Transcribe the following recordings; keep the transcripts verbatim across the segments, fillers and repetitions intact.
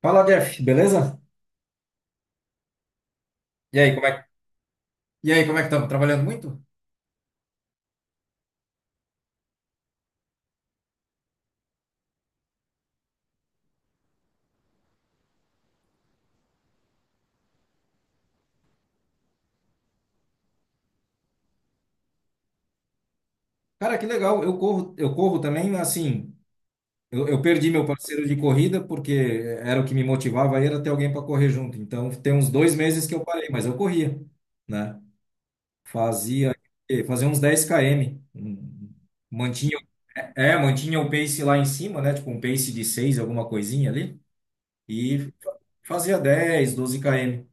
Fala, Jeff, beleza? E aí, como é que, e aí, como é que estamos? Trabalhando muito? Cara, que legal. Eu corro, eu corro também, mas, assim, eu, eu perdi meu parceiro de corrida porque era o que me motivava, aí era ter alguém para correr junto. Então, tem uns dois meses que eu parei, mas eu corria, né? Fazia, fazia uns dez quilômetros. Hum, Mantinha, é, é, mantinha o pace lá em cima, né? Tipo um pace de seis, alguma coisinha ali. E fazia dez, doze quilômetros.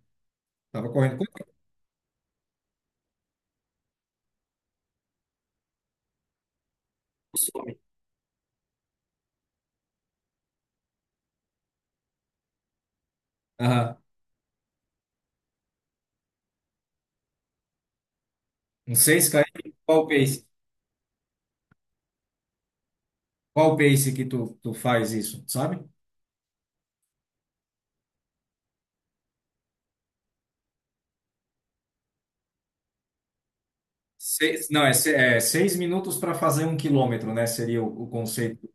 Tava correndo. Quanto que eu some? Aham. Uns seis quilômetros, qual o pace? Qual o pace que tu, tu faz isso, sabe? Seis, não, é, se- é seis minutos para fazer um quilômetro, né? Seria o, o conceito.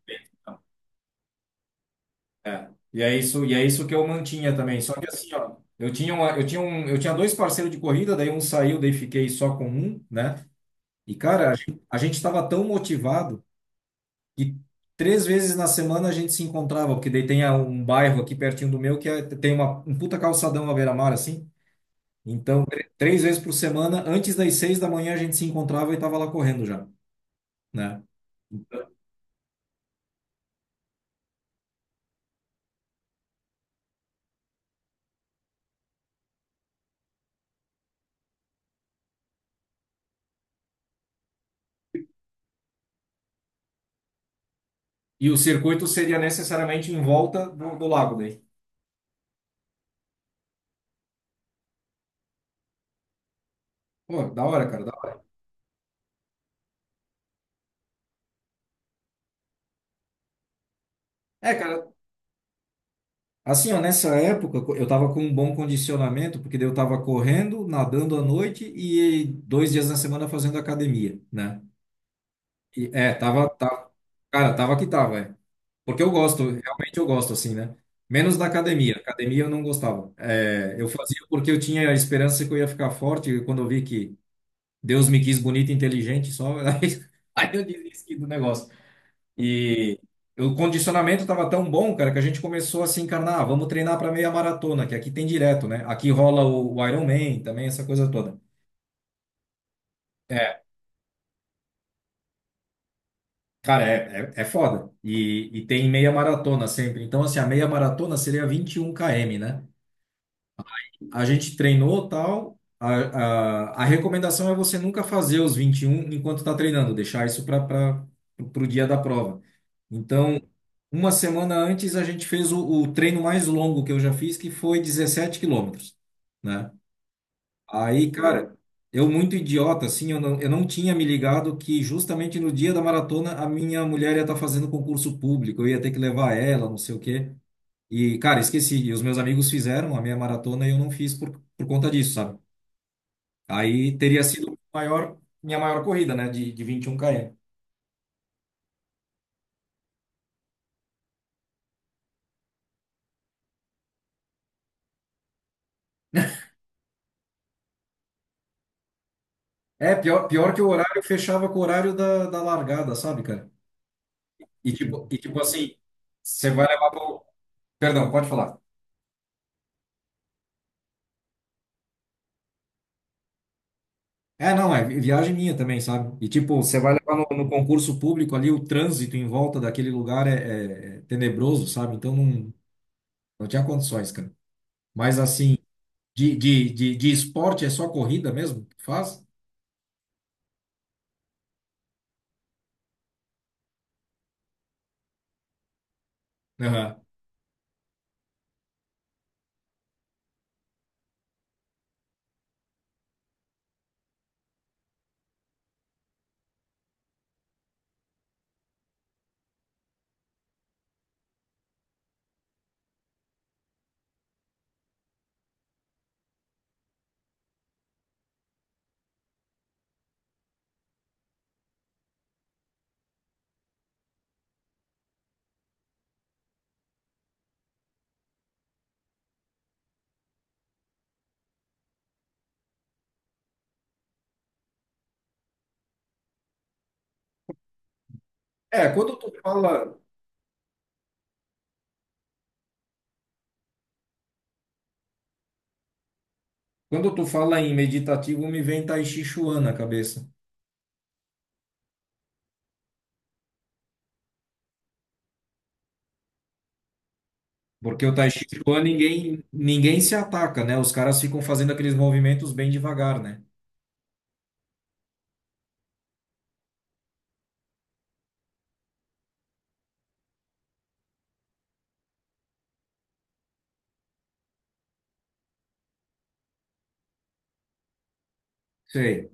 É. E é isso, e é isso que eu mantinha também. Só que assim, ó, eu tinha uma, eu tinha um, eu tinha dois parceiros de corrida, daí um saiu, daí fiquei só com um, né? E cara, a gente a gente estava tão motivado que três vezes na semana a gente se encontrava, porque daí tem a- um bairro aqui pertinho do meu que é- tem uma, um puta calçadão à beira-mar assim. Então, tr- três vezes por semana, antes das seis da manhã, a gente se encontrava e estava lá correndo já, né? E o circuito seria necessariamente em volta do, do lago daí. Pô, da hora, cara. Da hora. É, cara, assim, ó, nessa época eu tava com um bom condicionamento, porque daí eu tava correndo, nadando à noite e dois dias na semana fazendo academia, né? E, é, tava, tá- Cara, tava que tava, é. Porque eu gosto, realmente eu gosto, assim, né? Menos da academia. Academia eu não gostava. É, eu fazia porque eu tinha a esperança que eu ia ficar forte, e quando eu vi que Deus me quis bonito e inteligente, só aí, aí eu desisti do negócio. E o condicionamento tava tão bom, cara, que a gente começou a se encarnar, "Ah, vamos treinar para meia maratona, que aqui tem direto, né? Aqui rola o, o Iron Man também, essa coisa toda. É, cara, é, é, é foda. E, e tem meia maratona sempre. Então, assim, a meia maratona seria vinte e um quilômetros, né? A gente treinou tal. A, a, a recomendação é você nunca fazer os vinte e um enquanto está treinando, deixar isso para o dia da prova. Então, uma semana antes, a gente fez o, o treino mais longo que eu já fiz, que foi dezessete quilômetros, né? Aí, cara, eu muito idiota, assim, eu não, eu não tinha me ligado que justamente no dia da maratona a minha mulher ia estar fazendo concurso público, eu ia ter que levar ela, não sei o quê. E, cara, esqueci. E os meus amigos fizeram a meia maratona e eu não fiz por, por conta disso, sabe? Aí teria sido maior, minha maior corrida, né? De, de vinte e um quilômetros. É, pior, pior que o horário fechava com o horário da, da largada, sabe, cara? E tipo, e tipo assim, você vai levar pro... Perdão, pode falar. É, não, é vi- viagem minha também, sabe? E tipo, você vai levar no, no concurso público ali, o trânsito em volta daquele lugar é, é- é tenebroso, sabe? Então não, não tinha condições, cara. Mas assim, De, de, de, de esporte é só corrida mesmo que faz? Aham. É, quando tu fala, quando tu fala em meditativo, me vem Tai Chi Chuan na cabeça. Porque o Tai Chi Chuan ninguém, ninguém se ataca, né? Os caras ficam fazendo aqueles movimentos bem devagar, né? Sei,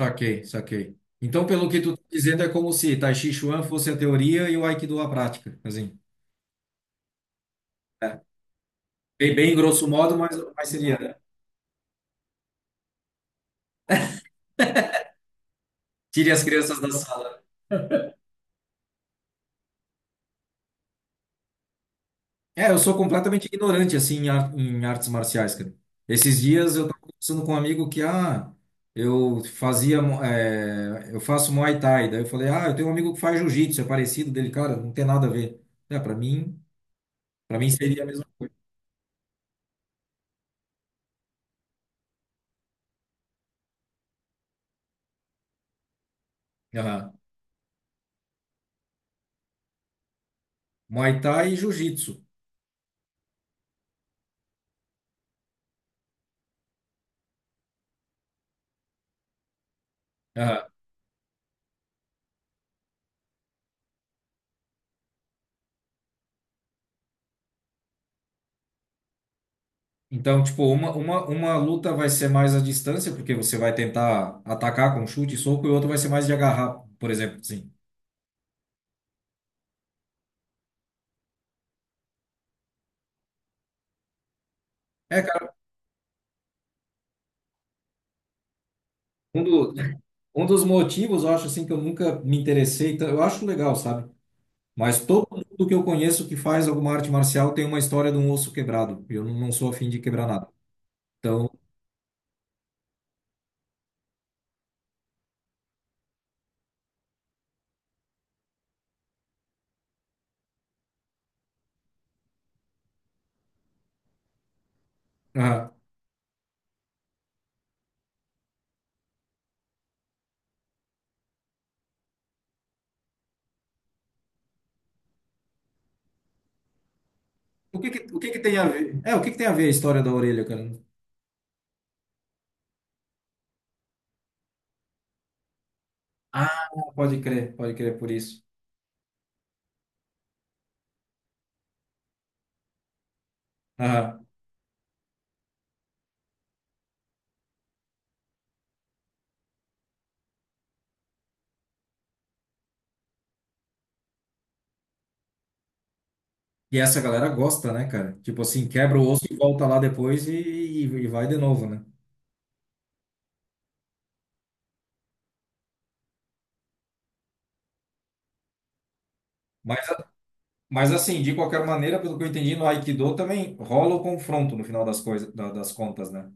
saquei, saquei. Então, pelo que tu tá dizendo, é como se Tai Chi Chuan fosse a teoria e o Aikido a prática, assim. Bem, bem grosso modo, mas, mas, seria, né? Tire as crianças da sala. É, eu sou completamente ignorante, assim, em, ar- em artes marciais, cara. Esses dias eu tava conversando com um amigo que, ah, eu fazia, mo- é, eu faço Muay Thai. Daí eu falei, ah, eu tenho um amigo que faz Jiu-Jitsu, é parecido dele, cara, não tem nada a ver. É, para mim, para mim seria a mesma coisa. Aham. Muay Thai e Jiu-Jitsu. Aham. Então, tipo, uma, uma, uma luta vai ser mais à distância, porque você vai tentar atacar com chute e soco, e outra vai ser mais de agarrar, por exemplo, assim. É, cara, mundo Um dos motivos, eu acho assim, que eu nunca me interessei, tan- eu acho legal, sabe? Mas todo mundo que eu conheço que faz alguma arte marcial tem uma história de um osso quebrado. E eu não não sou afim de quebrar nada. Então, ah, o que que- o que que tem a ver? É, o que que tem a ver a história da orelha, cara? Ah, pode crer, pode crer por isso. Ah, e essa galera gosta, né, cara? Tipo assim, quebra o osso e volta lá depois e, e, e vai de novo, né? Mas, mas, assim, de qualquer maneira, pelo que eu entendi, no Aikido também rola o confronto no final das coisas, da- das contas, né?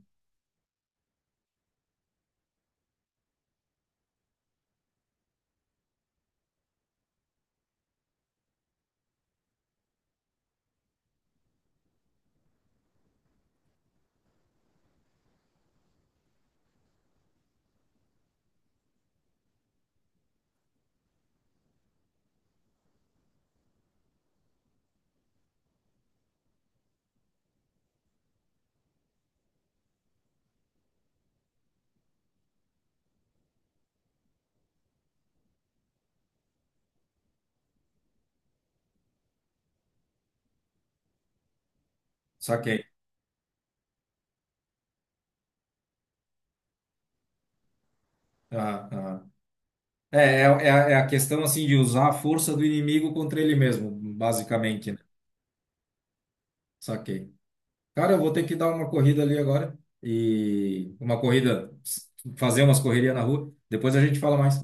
Só que Ah, ah. É, é, é a é a questão assim de usar a força do inimigo contra ele mesmo, basicamente, né? Saquei. Cara, eu vou ter que dar uma corrida ali agora e uma corrida, fazer umas correrias na rua. Depois a gente fala mais.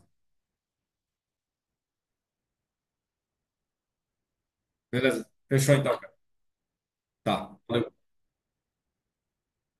Beleza? Fechou então, cara. Tá. Valeu.